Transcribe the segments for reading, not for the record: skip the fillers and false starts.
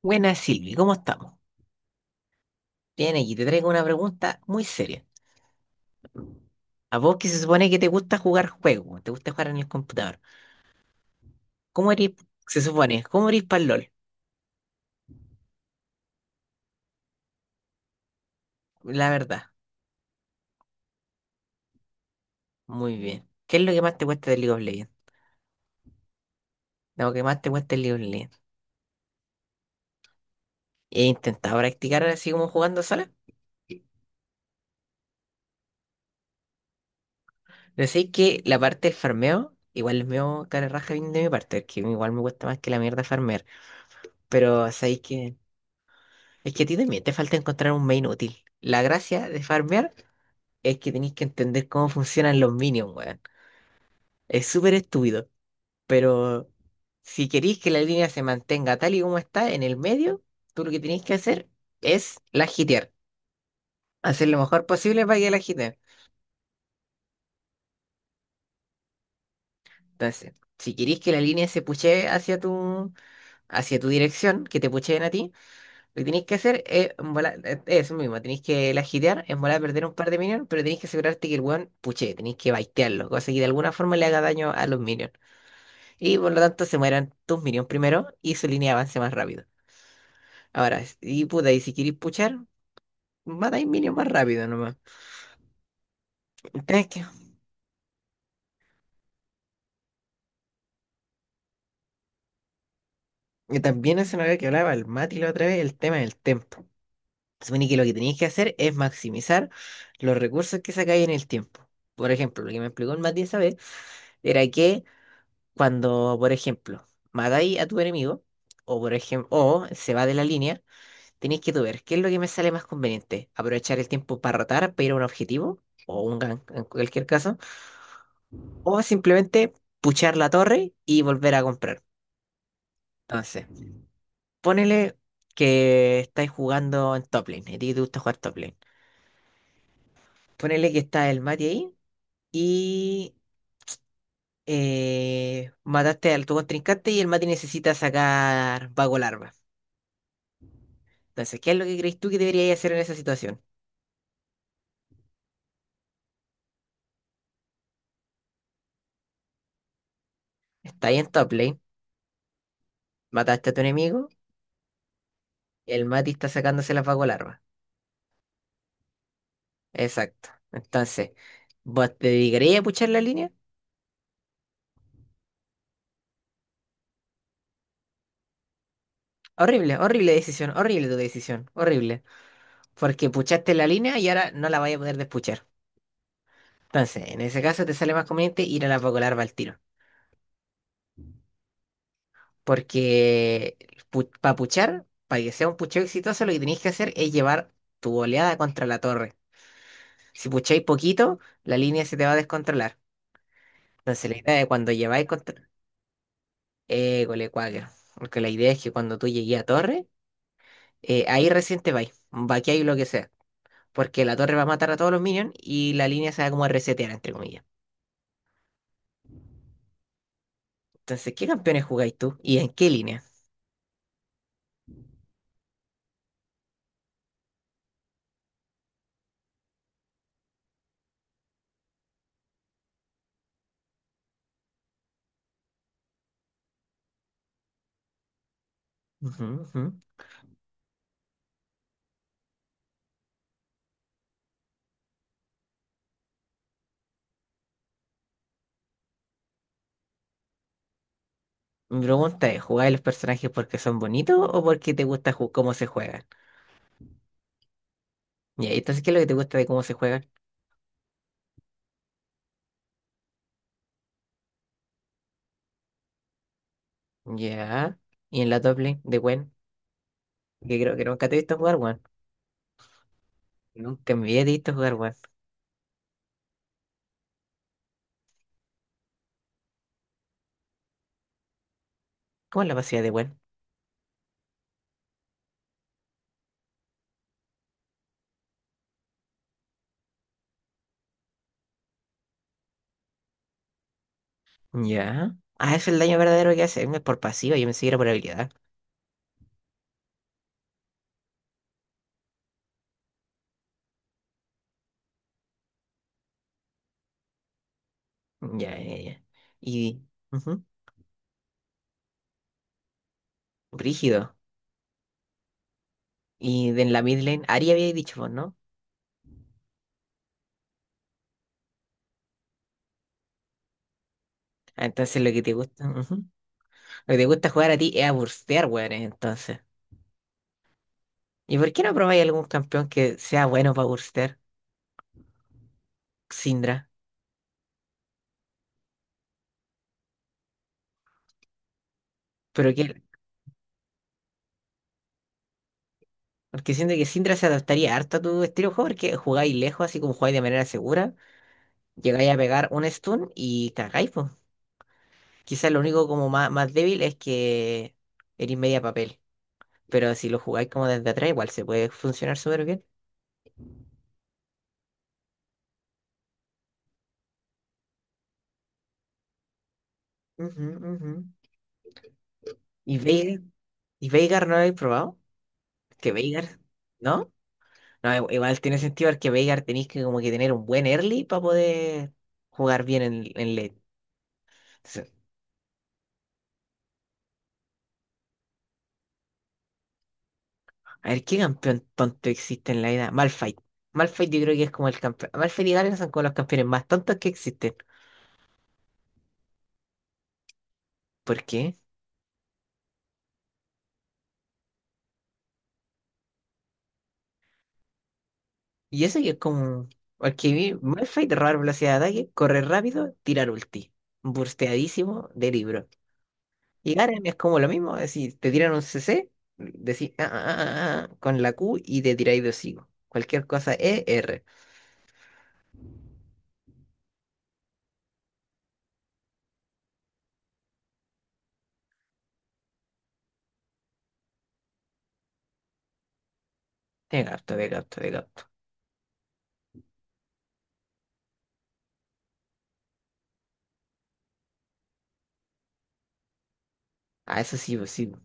Buenas Silvi, ¿cómo estamos? Bien, aquí te traigo una pregunta muy seria. A vos que se supone que te gusta jugar juegos, te gusta jugar en el computador. ¿Cómo eres, se supone, cómo eres para LOL? La verdad, muy bien. ¿Qué es lo que más te cuesta del League of Legends? Lo que más te cuesta del League of Legends. He intentado practicar así como jugando sola, pero sé que la parte del farmeo, igual es medio cara raja bien de mi parte, que igual me cuesta más que la mierda farmear. Pero sabéis que es que a ti también te falta encontrar un main útil. La gracia de farmear es que tenéis que entender cómo funcionan los minions, weón. Es súper estúpido. Pero si queréis que la línea se mantenga tal y como está en el medio, tú lo que tenéis que hacer es la hitear. Hacer lo mejor posible para que la hiteen. Entonces, si queréis que la línea se puchee hacia tu dirección, que te pucheen a ti, lo que tenéis que hacer es, en bola- es eso mismo, tenéis que la hitear, en volar perder un par de minions, pero tenéis que asegurarte que el weón puchee, tenéis que baitearlo, cosa que de alguna forma le haga daño a los minions. Y por lo tanto se mueran tus minions primero y su línea de avance más rápido. Ahora, y puta, y si queréis puchar, matáis minions más rápido nomás. Tenés que- Y también eso no había que hablaba el Mati la otra vez, el tema del tiempo. Se supone que lo que tenéis que hacer es maximizar los recursos que sacáis en el tiempo. Por ejemplo, lo que me explicó el Mati esa vez era que cuando, por ejemplo, matáis a tu enemigo, o por ejemplo, o se va de la línea, tenéis que tú ver qué es lo que me sale más conveniente. Aprovechar el tiempo para rotar, para ir a un objetivo, o un gank en cualquier caso, o simplemente puchar la torre y volver a comprar. Entonces, ponele que estáis jugando en top lane, y a ti te gusta jugar top lane. Ponele que está el Mati ahí y mataste al tu contrincante y el Mati necesita sacar vago larva. Entonces, ¿qué es lo que crees tú que deberías hacer en esa situación? Está ahí en top lane, mataste a tu enemigo, el Mati está sacándose las vago larvas. Exacto. Entonces, ¿vos te dedicarías a puchar la línea? Horrible, horrible decisión, horrible tu decisión, horrible. Porque puchaste la línea y ahora no la vas a poder despuchar. Entonces, en ese caso te sale más conveniente ir a la Paco Larva al tiro. Porque para puchar, para que sea un pucheo exitoso, lo que tenéis que hacer es llevar tu oleada contra la torre. Si pucháis poquito, la línea se te va a descontrolar. Entonces, la idea es cuando lleváis contra... École, cuáquero. Porque la idea es que cuando tú llegues a torre ahí recién te vais, vaqueáis lo que sea, porque la torre va a matar a todos los minions y la línea se va como a resetear, entre comillas. Entonces, ¿qué campeones jugáis tú y en qué línea? Ujú, ujú. Mi pregunta es, ¿jugáis los personajes porque son bonitos o porque te gusta ju- cómo se juegan? Ya, y entonces, ¿qué es lo que te gusta de cómo se juegan? Ya, y en la top lane de Gwen, que creo que nunca te he visto jugar Gwen. Nunca me había visto jugar Gwen. ¿Cómo es la pasiva de Gwen? Ya. Ah, es el daño verdadero que hace. Es por pasiva, yo me seguía por habilidad. Ya, ya, ya. Y... ujú. Brígido. Y de en la mid lane, Ari había dicho vos, ¿no? Ah, entonces lo que te gusta, ujú. Lo que te gusta jugar a ti es a burstear, weones, entonces. ¿Y por qué no probáis algún campeón que sea bueno para burstear? Syndra. Pero que, porque siento que Syndra se adaptaría harto a tu estilo de juego, porque jugáis lejos, así como jugáis de manera segura, llegáis a pegar un stun y cagáis, pues. Quizás lo único como más, más débil es que eres media papel. Pero si lo jugáis como desde atrás, igual se puede funcionar súper bien. Ujú, ujú. Y Veigar. ¿Y Veigar no lo habéis probado? Que Veigar, ¿no? No, i- igual tiene sentido porque Veigar tenéis que como que tener un buen early para poder jugar bien en late. Entonces, a ver, ¿qué campeón tonto existe en la vida? Malphite. Malphite yo creo que es como el campeón. Malphite y Garen son como los campeones más tontos que existen. ¿Por qué? Y eso que es como... Porque vi Malphite robar velocidad de ataque, correr rápido, tirar ulti. Bursteadísimo de libro. Y Garen es como lo mismo, es decir, te tiran un CC, decís "Ah, ah, ah, ah", ah, con la Q y te tiráis de hocico. Cualquier cosa ER. De gato, de gato, de gato. Ah, eso sí, pues sí pues.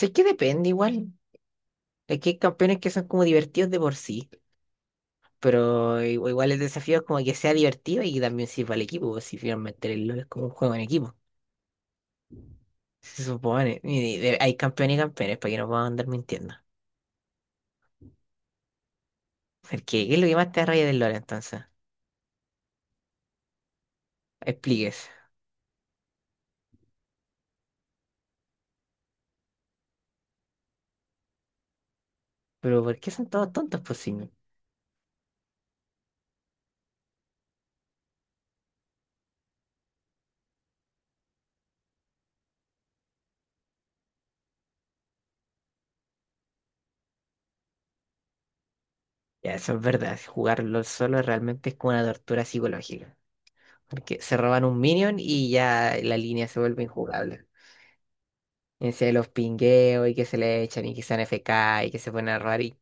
Sé que depende igual. Es que hay campeones que son como divertidos de por sí. Pero i- igual el desafío es como que sea divertido y que también sirva al equipo, pues. Si finalmente el LoL es como un juego en equipo. Se supone. Y de- hay campeones y campeones para que no puedan andar mintiendo. Porque, ¿qué es lo que más te da rabia del LoL entonces? Explíquese. Pero ¿por qué son todos tontos, pues sí? Ya, eso es verdad, jugarlo solo realmente es como una tortura psicológica. Porque se roban un minion y ya la línea se vuelve injugable. En serio, los pingueos y que se le echan y que sean FK y que se ponen a robar y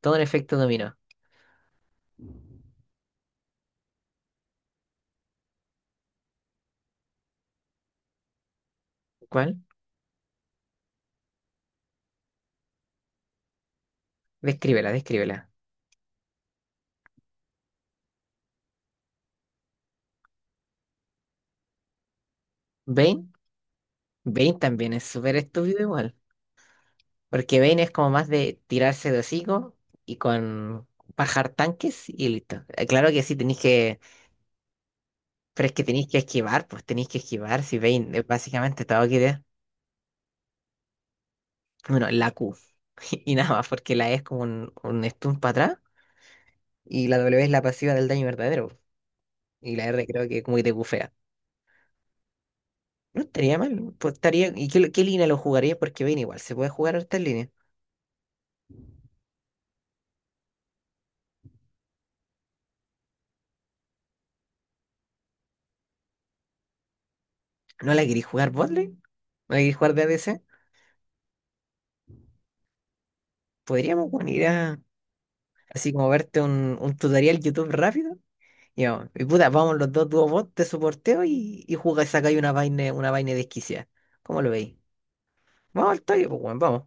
todo un efecto dominó. ¿Cuál? Descríbela, descríbela. Vayne, Vayne también es súper estúpido igual. Porque Vayne es como más de tirarse de hocico y con bajar tanques y listo. Claro que sí tenéis que, pero es que tenéis que esquivar, pues tenéis que esquivar si Vayne es básicamente todo que idea. Bueno, la Q. Y nada más, porque la E es como un stun para atrás y la W es la pasiva del daño verdadero. Y la R creo que como que te bufea. No estaría mal, pues estaría. ¿Y qué, qué línea lo jugaría? Porque ven igual, se puede jugar hartas líneas. ¿No la querís jugar botlane? ¿No la querís jugar de ADC? Podríamos bueno, ir a así como verte un tutorial YouTube rápido. Y vamos, y puta, vamos los dos dúo bot, te soporteo y jugáis, sacáis una vaina desquiciada. ¿Cómo lo veis? Vamos al toque, pues bueno, vamos.